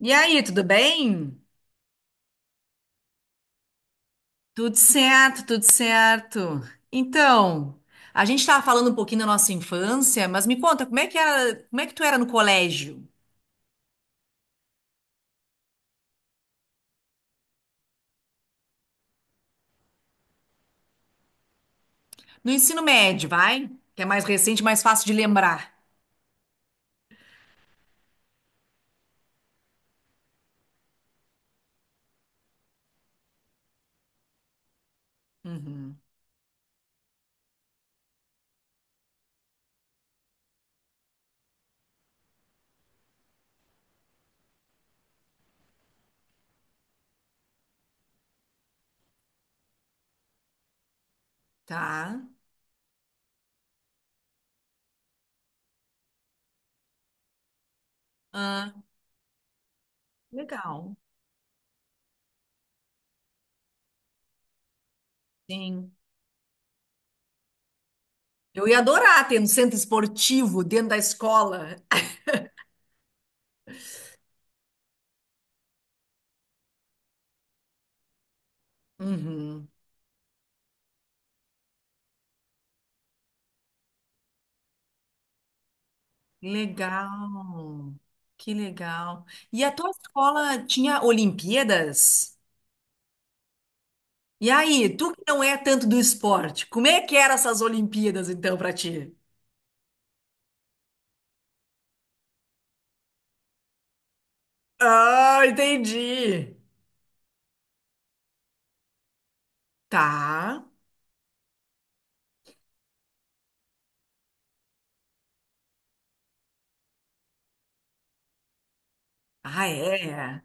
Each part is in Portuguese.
E aí, tudo bem? Tudo certo, tudo certo. Então, a gente estava falando um pouquinho da nossa infância, mas me conta, como é que era, como é que tu era no colégio? No ensino médio, vai? Que é mais recente, mais fácil de lembrar. Uhum. Tá? Ah, legal. Sim. Eu ia adorar ter um centro esportivo dentro da escola. Uhum. Legal. Que legal. E a tua escola tinha Olimpíadas? E aí, tu que não é tanto do esporte, como é que eram essas Olimpíadas então pra ti? Ah, entendi. Tá. Ah, é.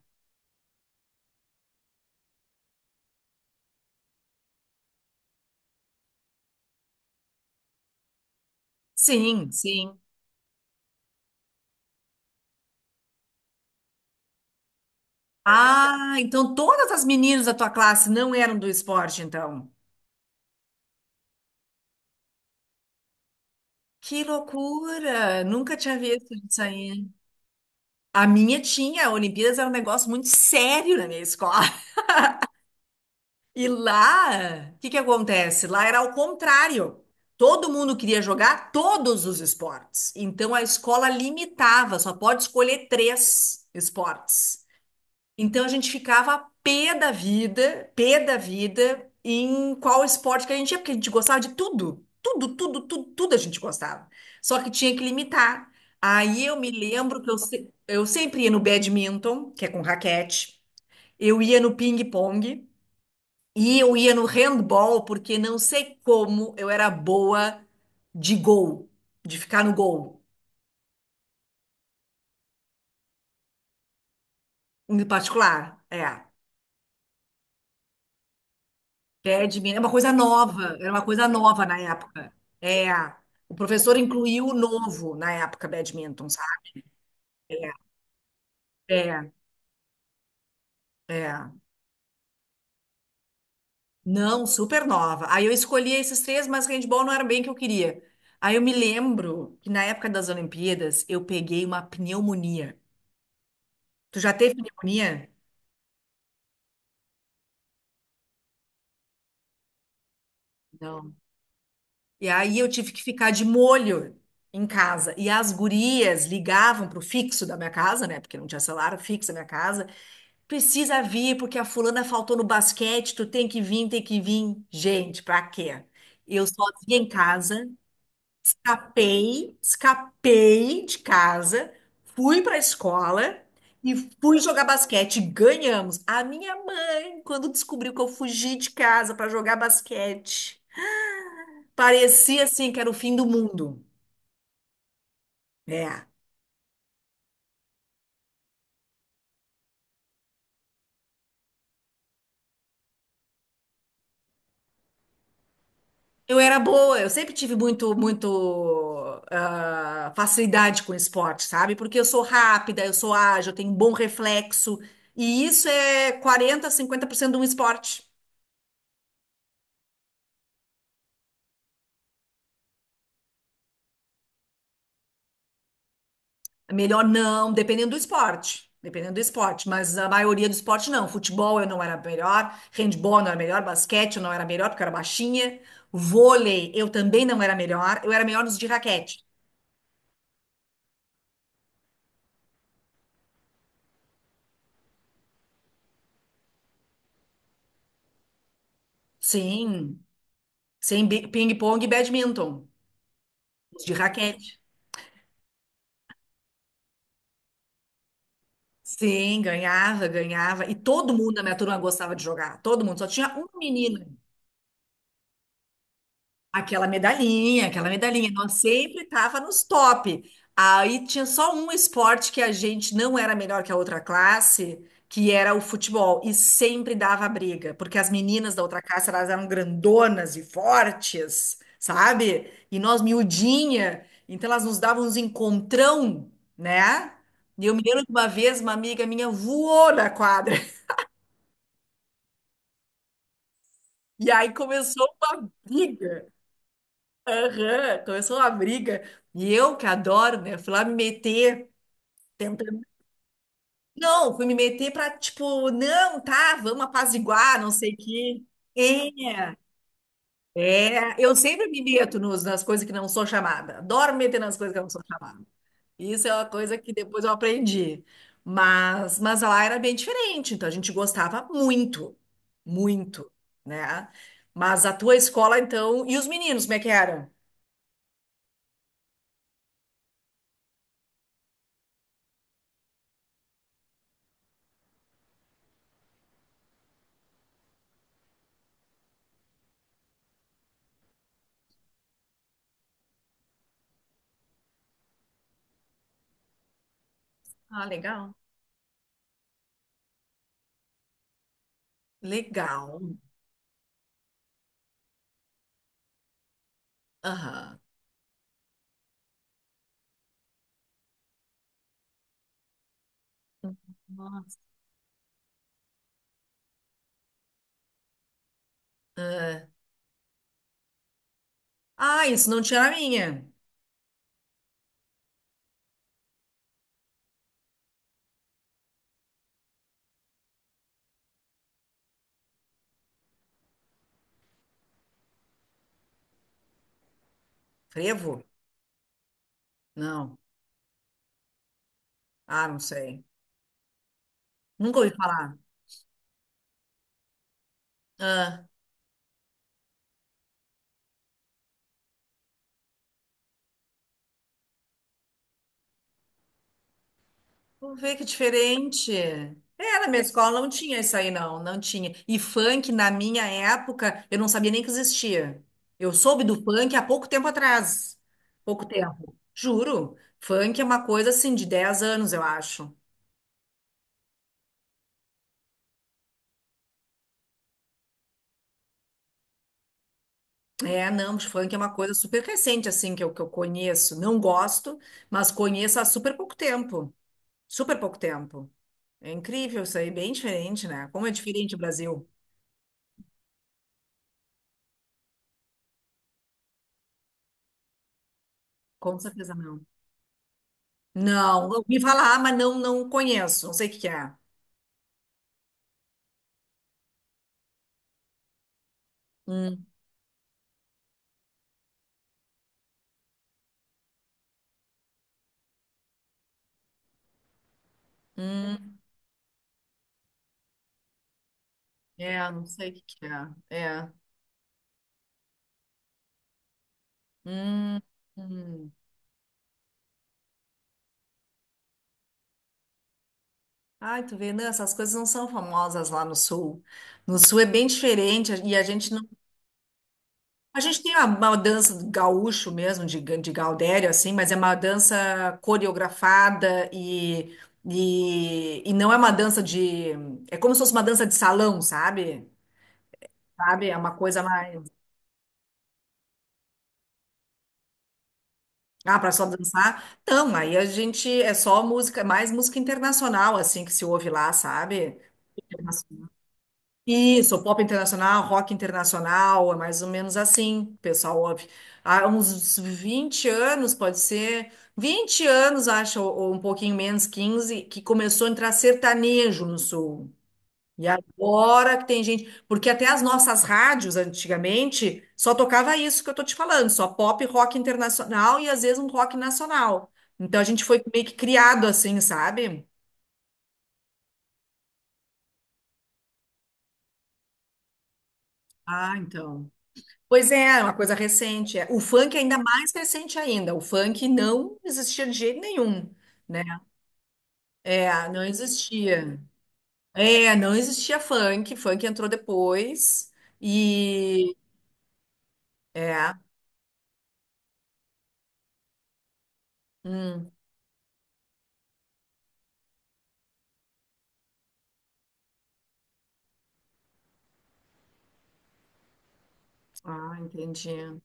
Sim, sim. Ah, então todas as meninas da tua classe não eram do esporte, então. Que loucura! Nunca tinha visto isso aí. A minha tinha, a Olimpíadas era um negócio muito sério na minha escola. E lá, o que que acontece? Lá era ao contrário. Todo mundo queria jogar todos os esportes. Então a escola limitava, só pode escolher três esportes. Então a gente ficava pé da vida em qual esporte que a gente ia, porque a gente gostava de tudo. Tudo, tudo, tudo, tudo a gente gostava. Só que tinha que limitar. Aí eu me lembro que eu sempre ia no badminton, que é com raquete. Eu ia no ping-pong. E eu ia no handball porque não sei como eu era boa de gol, de ficar no gol, em particular. É, badminton de É uma coisa nova, era uma coisa nova na época. É, o professor incluiu o novo na época, badminton, sabe? É, é. é. Não, super nova. Aí eu escolhi esses três, mas handball não era bem o que eu queria. Aí eu me lembro que na época das Olimpíadas eu peguei uma pneumonia. Tu já teve pneumonia? Não. E aí eu tive que ficar de molho em casa. E as gurias ligavam pro fixo da minha casa, né? Porque não tinha celular, o fixo da minha casa. Precisa vir, porque a fulana faltou no basquete, tu tem que vir, tem que vir. Gente, pra quê? Eu sozinha em casa, escapei de casa, fui pra escola. E fui jogar basquete, ganhamos. A minha mãe, quando descobriu que eu fugi de casa pra jogar basquete, parecia assim que era o fim do mundo. É. Eu era boa, eu sempre tive muito facilidade com esporte, sabe? Porque eu sou rápida, eu sou ágil, eu tenho um bom reflexo. E isso é 40, 50% de um esporte. Melhor não, dependendo do esporte. Dependendo do esporte, mas a maioria do esporte não. Futebol eu não era melhor, handball eu não era melhor, basquete eu não era melhor porque eu era baixinha. Vôlei eu também não era melhor, eu era melhor nos de raquete. Sim, sem bi- ping-pong e badminton, os de raquete. Sim, ganhava, ganhava. E todo mundo na minha turma gostava de jogar. Todo mundo. Só tinha uma menina. Aquela medalhinha, aquela medalhinha. Nós sempre tava nos top. Aí tinha só um esporte que a gente não era melhor que a outra classe, que era o futebol. E sempre dava briga. Porque as meninas da outra classe, elas eram grandonas e fortes, sabe? E nós miudinha. Então elas nos davam uns encontrão, né? E eu me lembro de uma vez, uma amiga minha voou na quadra. E aí começou uma briga. Aham, começou uma briga. E eu, que adoro, né? Fui lá me meter, tentando. Não, fui me meter pra, tipo, não, tá, vamos apaziguar, não sei o quê. É, eu sempre me meto nos, nas coisas que não sou chamada. Adoro me meter nas coisas que eu não sou chamada. Isso é uma coisa que depois eu aprendi. Mas lá era bem diferente, então a gente gostava muito, muito, né? Mas a tua escola, então, e os meninos, como é que eram? Ah, legal. Legal. Aham. Nossa. Ah, Ah, isso não tinha na minha. Frevo? Não. Ah, não sei. Nunca ouvi falar. Ah, vamos ver que diferente. É, na minha escola não tinha isso aí, não. Não tinha. E funk, na minha época, eu não sabia nem que existia. Eu soube do funk há pouco tempo atrás. Pouco tempo. Juro. Funk é uma coisa assim de 10 anos, eu acho. É, não, mas funk é uma coisa super recente, assim, que eu conheço. Não gosto, mas conheço há super pouco tempo. Super pouco tempo. É incrível isso aí, bem diferente, né? Como é diferente o Brasil. Com certeza não. Não, eu ouvi falar, mas não, não conheço. Não sei o que que é. Hum, hum, é, não sei o que que é. É. Hum, hum. Ai, tu vê, não, essas coisas não são famosas lá no sul. No sul é bem diferente e a gente A gente tem uma dança do gaúcho mesmo, de, ga- de Gaudério, assim, mas é uma dança coreografada e não é uma dança de. É como se fosse uma dança de salão, sabe? Sabe? É uma coisa mais. Ah, para só dançar? Não, aí a gente. É só música, mais música internacional, assim, que se ouve lá, sabe? Isso, pop internacional, rock internacional, é mais ou menos assim, pessoal. Ouve. Há uns 20 anos, pode ser, 20 anos, acho, ou um pouquinho menos, 15, que começou a entrar sertanejo no sul. E agora que tem gente, porque até as nossas rádios antigamente só tocava isso que eu tô te falando, só pop, rock internacional e às vezes um rock nacional. Então a gente foi meio que criado assim, sabe? Ah, então. Pois é, é uma coisa recente. É. O funk é ainda mais recente ainda. O funk não existia de jeito nenhum, né? É, não existia. É, não existia funk. Funk entrou depois e é. Hum, Ah, entendi.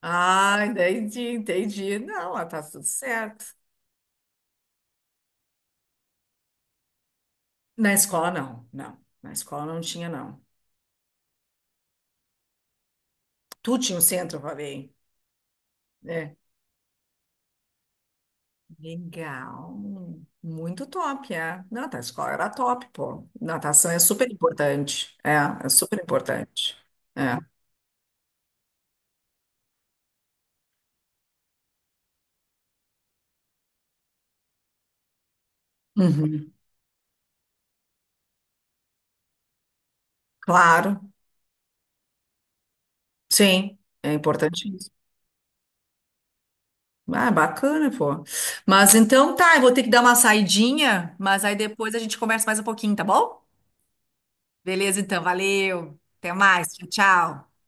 Ah, entendi, entendi. Não, ah, tá tudo certo. Na escola não, não. Na escola não tinha não. Tu tinha o centro, eu falei. Né? Legal. Muito top, é. Não, tá, a escola era top, pô. Natação é super importante. É, é super importante. É. Uhum. Claro, sim, é importante isso. Ah, bacana, pô. Mas então tá, eu vou ter que dar uma saidinha, mas aí depois a gente conversa mais um pouquinho, tá bom? Beleza, então, valeu. Até mais. Tchau, tchau.